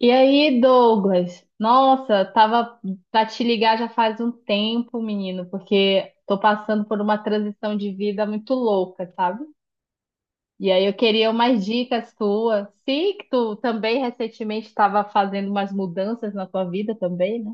E aí, Douglas? Nossa, tava pra te ligar já faz um tempo, menino, porque tô passando por uma transição de vida muito louca, sabe? E aí eu queria umas dicas tuas. Sei que tu também recentemente estava fazendo umas mudanças na tua vida também, né?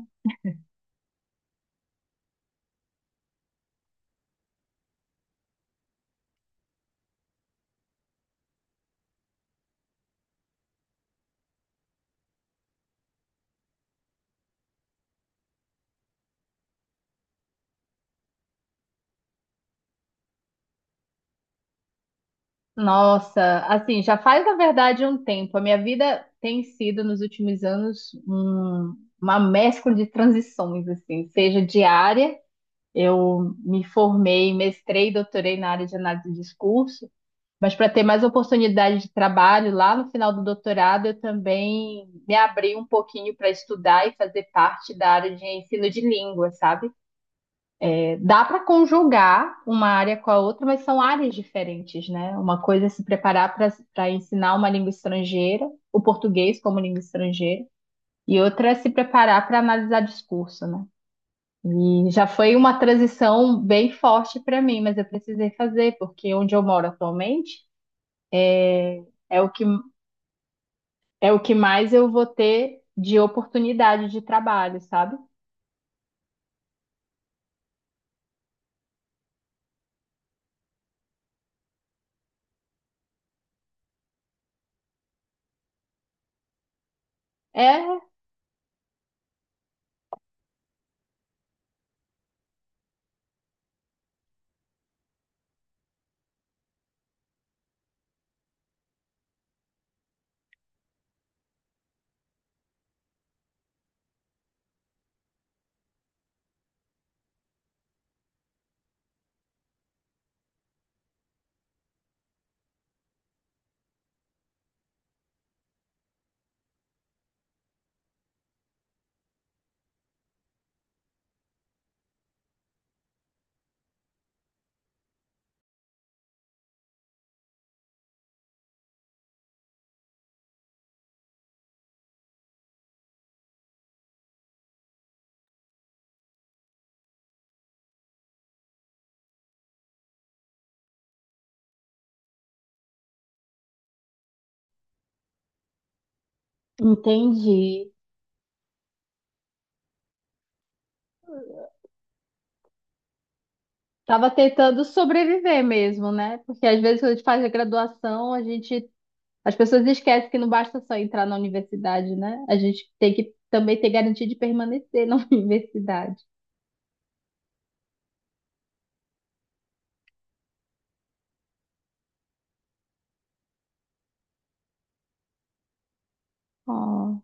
Nossa, assim, já faz na verdade um tempo. A minha vida tem sido nos últimos anos uma mescla de transições, assim, seja diária. Eu me formei, mestrei e doutorei na área de análise de discurso, mas para ter mais oportunidade de trabalho lá no final do doutorado, eu também me abri um pouquinho para estudar e fazer parte da área de ensino de língua, sabe? É, dá para conjugar uma área com a outra, mas são áreas diferentes, né? Uma coisa é se preparar para ensinar uma língua estrangeira, o português como língua estrangeira, e outra é se preparar para analisar discurso, né? E já foi uma transição bem forte para mim, mas eu precisei fazer, porque onde eu moro atualmente é o que, é o que mais eu vou ter de oportunidade de trabalho, sabe? É, entendi. Tava tentando sobreviver mesmo, né? Porque às vezes quando a gente faz a graduação, as pessoas esquecem que não basta só entrar na universidade, né? A gente tem que também ter garantia de permanecer na universidade. Oh,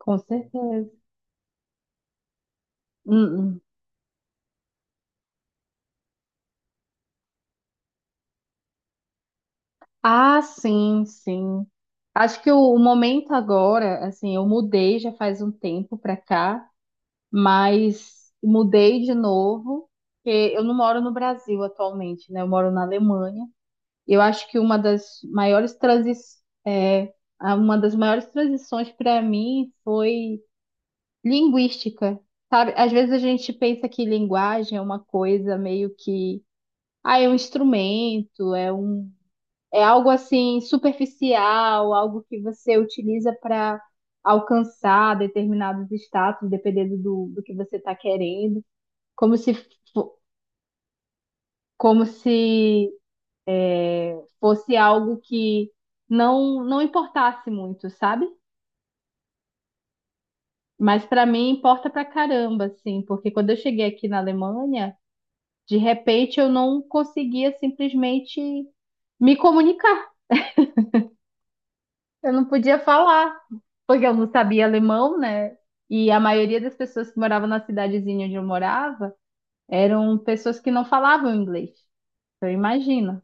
com certeza. Hum, hum. Ah, sim, sim. Acho que o momento agora, assim, eu mudei já faz um tempo pra cá, mas mudei de novo, porque eu não moro no Brasil atualmente, né? Eu moro na Alemanha. Eu acho que uma das maiores uma das maiores transições para mim foi linguística. Sabe? Às vezes a gente pensa que linguagem é uma coisa meio que, ah, é um instrumento, é algo assim superficial, algo que você utiliza para alcançar determinados status, dependendo do que você está querendo, como se, fo- como se fosse algo que não não importasse muito, sabe? Mas para mim importa pra caramba, assim, porque quando eu cheguei aqui na Alemanha, de repente eu não conseguia simplesmente me comunicar. Eu não podia falar, porque eu não sabia alemão, né? E a maioria das pessoas que moravam na cidadezinha onde eu morava eram pessoas que não falavam inglês. Então, imagina.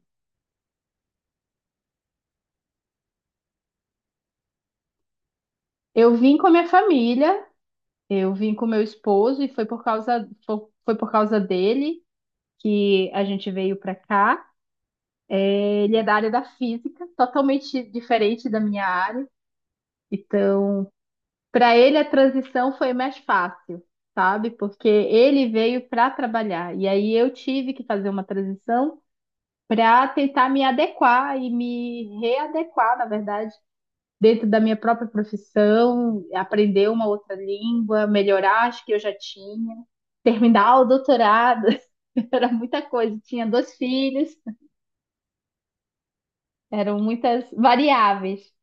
Eu vim com a minha família, eu vim com meu esposo, e foi foi por causa dele que a gente veio para cá. É, ele é da área da física, totalmente diferente da minha área. Então, para ele a transição foi mais fácil, sabe? Porque ele veio para trabalhar e aí eu tive que fazer uma transição para tentar me adequar e me readequar, na verdade, dentro da minha própria profissão, aprender uma outra língua, melhorar as que eu já tinha, terminar o doutorado. Era muita coisa, tinha 2 filhos, eram muitas variáveis.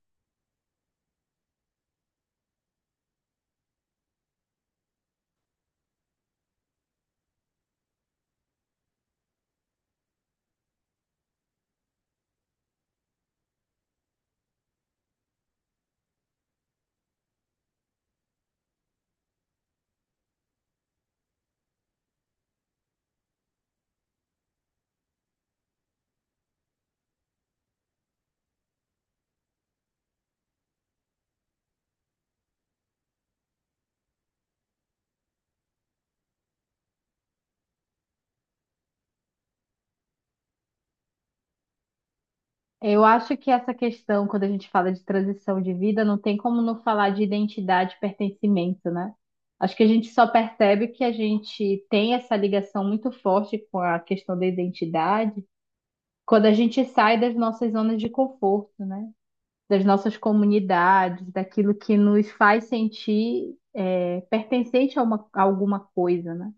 Eu acho que essa questão, quando a gente fala de transição de vida, não tem como não falar de identidade e pertencimento, né? Acho que a gente só percebe que a gente tem essa ligação muito forte com a questão da identidade quando a gente sai das nossas zonas de conforto, né? Das nossas comunidades, daquilo que nos faz sentir é, pertencente a alguma coisa, né?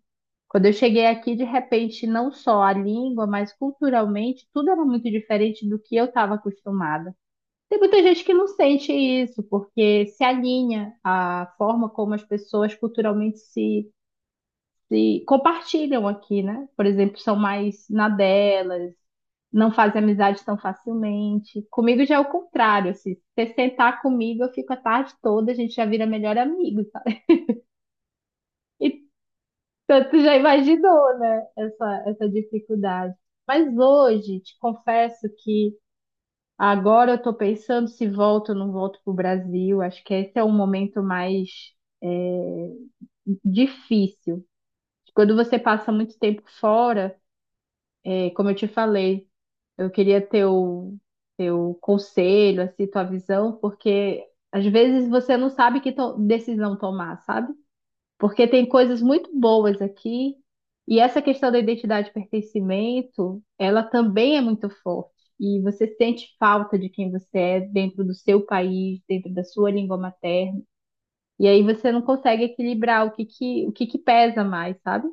Quando eu cheguei aqui, de repente, não só a língua, mas culturalmente, tudo era muito diferente do que eu estava acostumada. Tem muita gente que não sente isso, porque se alinha à forma como as pessoas culturalmente se, se compartilham aqui, né? Por exemplo, são mais na delas, não fazem amizade tão facilmente. Comigo já é o contrário, assim, se você sentar comigo, eu fico a tarde toda, a gente já vira melhor amigo, sabe? Então, tu já imaginou, né, essa dificuldade. Mas hoje, te confesso que agora eu estou pensando se volto ou não volto para o Brasil. Acho que esse é o momento mais é, difícil. Quando você passa muito tempo fora, é, como eu te falei, eu queria teu conselho, assim, tua visão, porque às vezes você não sabe decisão tomar, sabe? Porque tem coisas muito boas aqui, e essa questão da identidade e pertencimento, ela também é muito forte. E você sente falta de quem você é dentro do seu país, dentro da sua língua materna. E aí você não consegue equilibrar o que que pesa mais, sabe?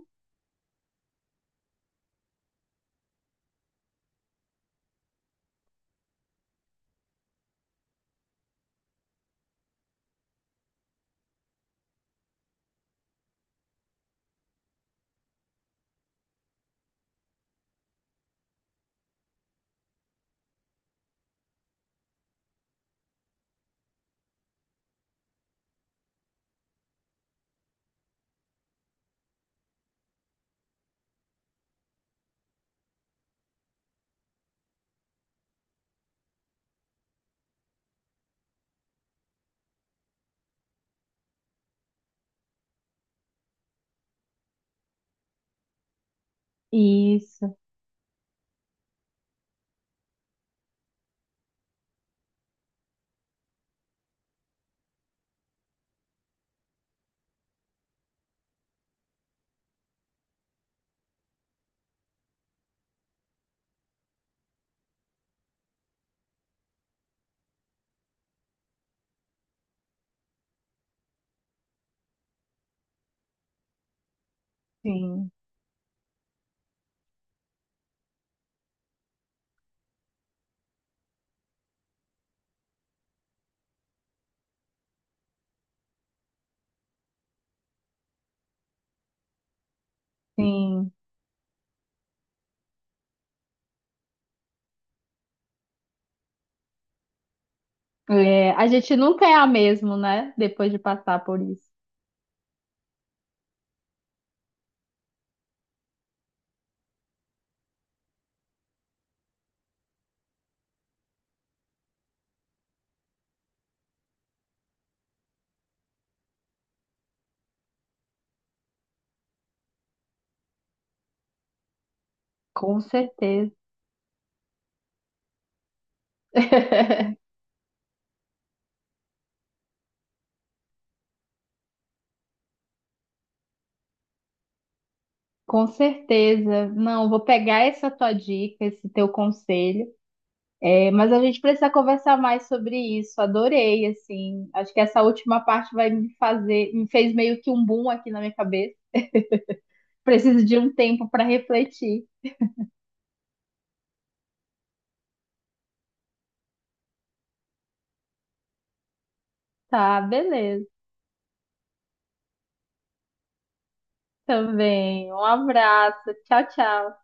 Isso, sim, sim. É, a gente nunca é a mesma, né? Depois de passar por isso. Com certeza. Com certeza. Não, vou pegar essa tua dica, esse teu conselho. É, mas a gente precisa conversar mais sobre isso. Adorei, assim. Acho que essa última parte vai me me fez meio que um boom aqui na minha cabeça. Preciso de um tempo para refletir. Tá, beleza. Também. Um abraço. Tchau, tchau.